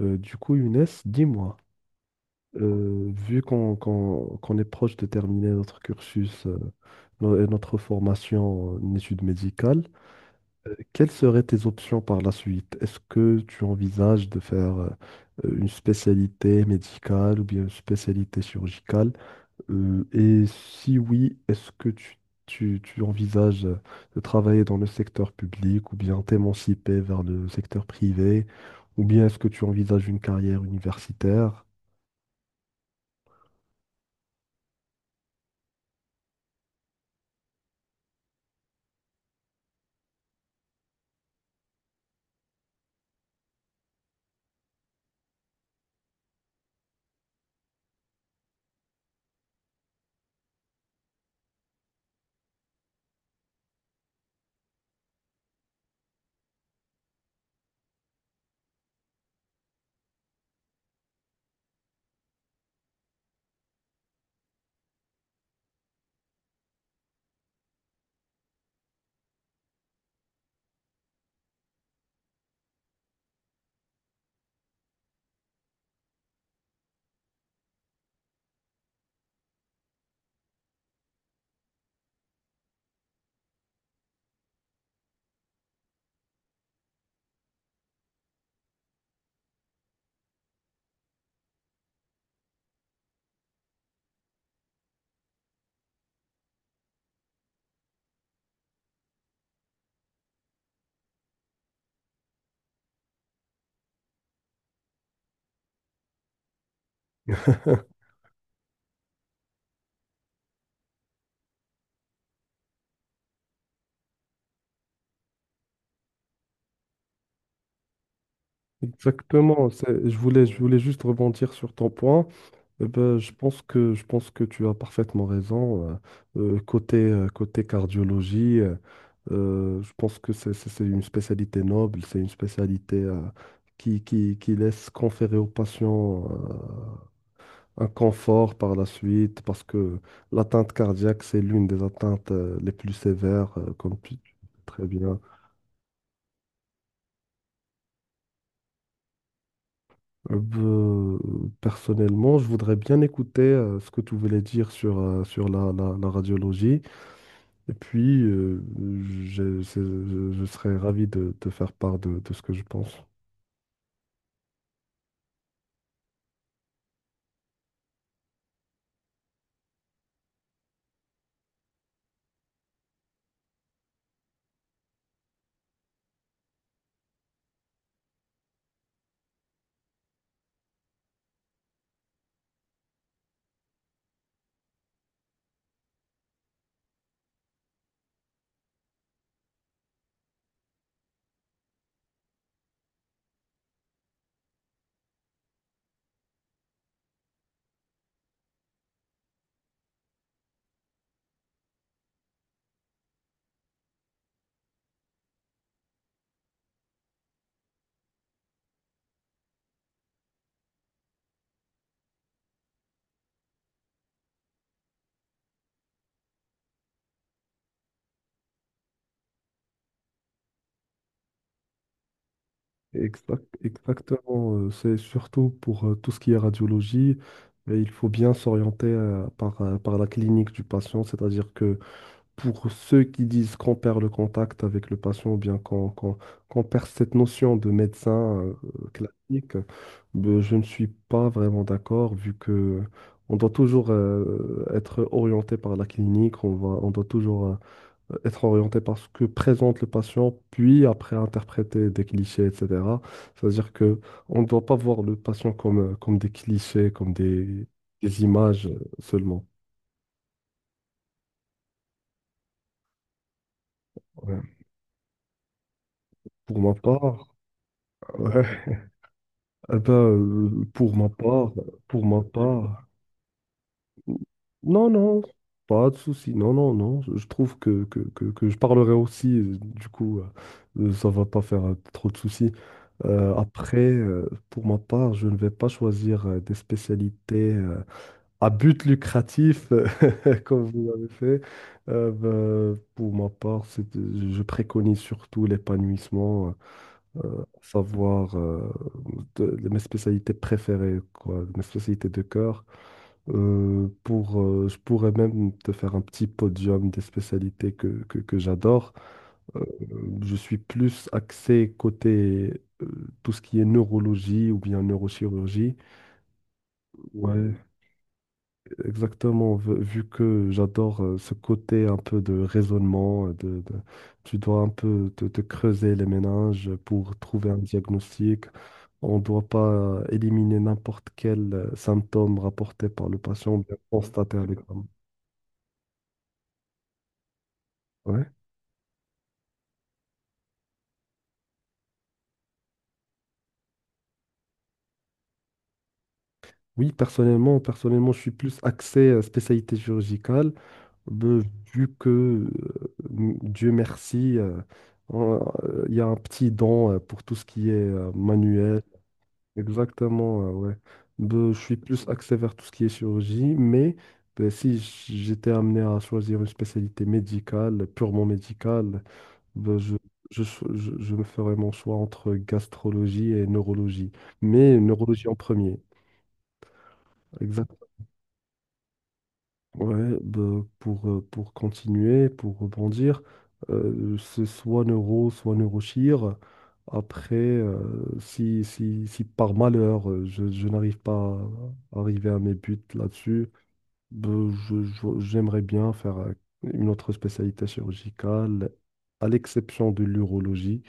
Younes, dis-moi, vu qu'on est proche de terminer notre cursus et notre formation en études médicales. Quelles seraient tes options par la suite? Est-ce que tu envisages de faire une spécialité médicale ou bien une spécialité chirurgicale? Et si oui, est-ce que tu envisages de travailler dans le secteur public ou bien t'émanciper vers le secteur privé ou bien est-ce que tu envisages une carrière universitaire? exactement, c'est- je voulais juste rebondir sur ton point. Eh ben, je pense que tu as parfaitement raison. Côté cardiologie, je pense que c'est une spécialité noble, c'est une spécialité qui laisse conférer aux patients un confort par la suite, parce que l'atteinte cardiaque, c'est l'une des atteintes les plus sévères, comme tu sais très bien. Euh, ben, Personnellement, je voudrais bien écouter ce que tu voulais dire sur, sur la radiologie. Et puis, je serais ravi de te faire part de ce que je pense. Exactement, c'est surtout pour tout ce qui est radiologie, et il faut bien s'orienter par la clinique du patient, c'est-à-dire que pour ceux qui disent qu'on perd le contact avec le patient ou bien qu'on perd cette notion de médecin euh, classique. Ben, je ne suis pas vraiment d'accord vu que on doit toujours être orienté par la clinique, on doit toujours être orienté par ce que présente le patient, puis après interpréter des clichés, etc. C'est-à-dire que on ne doit pas voir le patient comme, comme des clichés, des images seulement. Ouais. Pour ma part, Eh ben, euh, pour ma part, pour ma part, non, non, pas de souci, non, non, non, je trouve que, que je parlerai aussi, ça va pas faire trop de soucis. Pour ma part, je ne vais pas choisir des spécialités à but lucratif, comme vous l'avez fait. Pour ma part, c'est- je préconise surtout l'épanouissement savoir de mes spécialités préférées, quoi, mes spécialités de cœur. Je pourrais même te faire un petit podium des spécialités que j'adore. Euh, je suis plus axé côté tout ce qui est neurologie ou bien neurochirurgie. Ouais, exactement, vu que j'adore ce côté un peu de raisonnement, tu dois un peu te creuser les méninges pour trouver un diagnostic. On ne doit pas éliminer n'importe quel symptôme rapporté par le patient ou bien constaté avec un- Ouais. Oui, personnellement, je suis plus axé spécialité chirurgicale, euh, vu que, Dieu merci, on- il y a un petit don pour tout ce qui est manuel. Exactement, ouais. Ben, je suis plus axé vers tout ce qui est chirurgie, mais ben, si j- j'étais amené à choisir une spécialité médicale, purement médicale, ben, je, je me ferais mon choix entre gastrologie et neurologie. Mais neurologie en premier. Ouais, bah, pour continuer, pour rebondir, c'est soit Neuro, soit Neurochir. Après, euh, Si, si par malheur, je n'arrive pas à arriver à mes buts là-dessus, bah, j'aimerais bien faire une autre spécialité chirurgicale, à l'exception de l'urologie.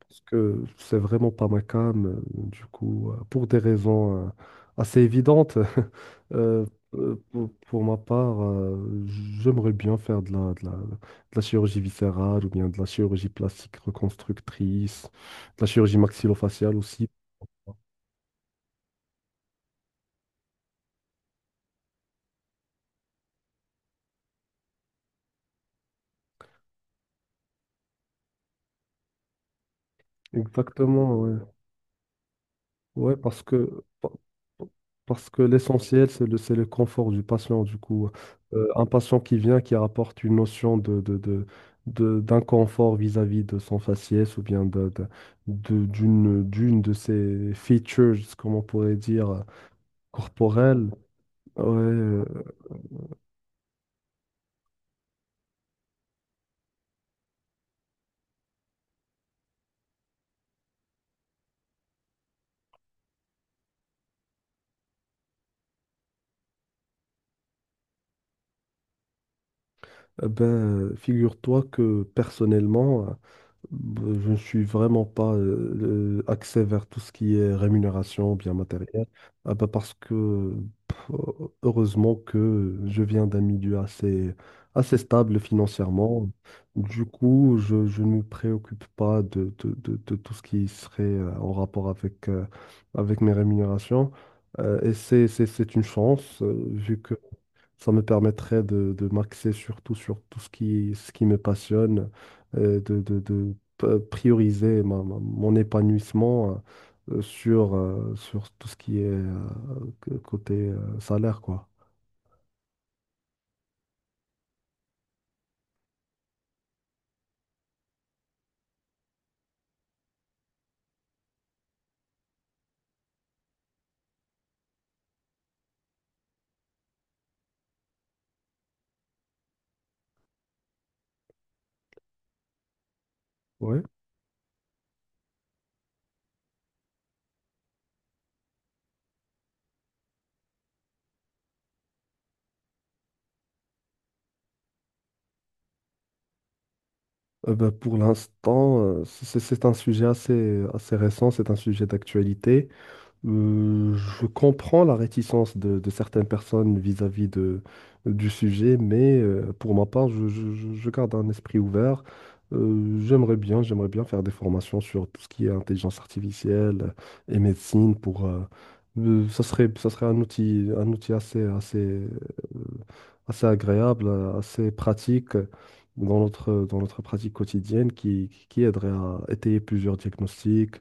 Parce que c'est vraiment pas ma came. Pour des raisons assez évidentes, euh, pour ma part, j'aimerais bien faire de la, de la, de la chirurgie viscérale ou bien de la chirurgie plastique reconstructrice, de la chirurgie maxillofaciale aussi. Exactement, ouais. Ouais, parce que, pa- parce que l'essentiel, c'est c'est le confort du patient. Du coup, un patient qui vient, qui apporte une notion d'inconfort vis-à-vis de son faciès ou bien d'une, d'une de ses features, comme on pourrait dire, corporelles, ouais, eh ben, figure-toi que personnellement, je ne suis vraiment pas axé vers tout ce qui est rémunération, bien matériel. Ah bah parce que pff, heureusement que je viens d'un milieu assez stable financièrement. Du coup, je ne me préoccupe pas de tout ce qui serait en rapport avec, avec mes rémunérations. Et c'est une chance, vu que ça me permettrait de m'axer surtout sur tout ce qui me passionne, prioriser mon épanouissement sur tout ce qui est côté salaire, quoi. Ouais. Pour l'instant, c'est un sujet assez récent, c'est un sujet d'actualité. Je comprends la réticence de certaines personnes vis-à-vis de, du sujet, mais pour ma part, je garde un esprit ouvert. J'aimerais bien, j'aimerais bien faire des formations sur tout ce qui est intelligence artificielle et médecine pour, ça serait un outil assez agréable, assez pratique dans notre pratique quotidienne qui aiderait à étayer plusieurs diagnostics,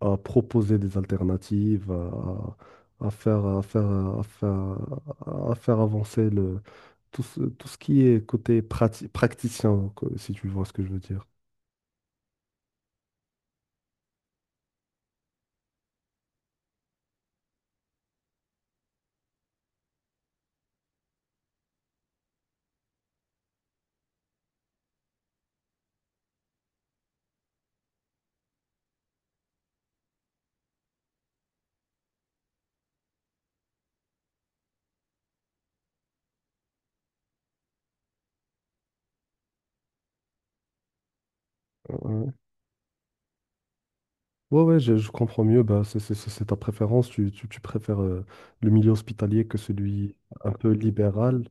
à proposer des alternatives, à, à faire, à faire, à faire, à faire avancer le, tout ce qui est côté praticien, quoi, si tu vois ce que je veux dire. Ouais, ouais, je comprends mieux. Bah, c'est ta préférence. Tu préfères le milieu hospitalier que celui un peu libéral.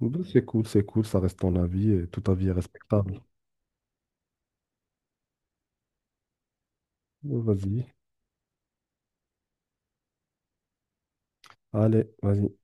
Bah, c'est cool, c'est cool. Ça reste ton avis et tout avis est respectable. Vas-y. Allez, vas-y.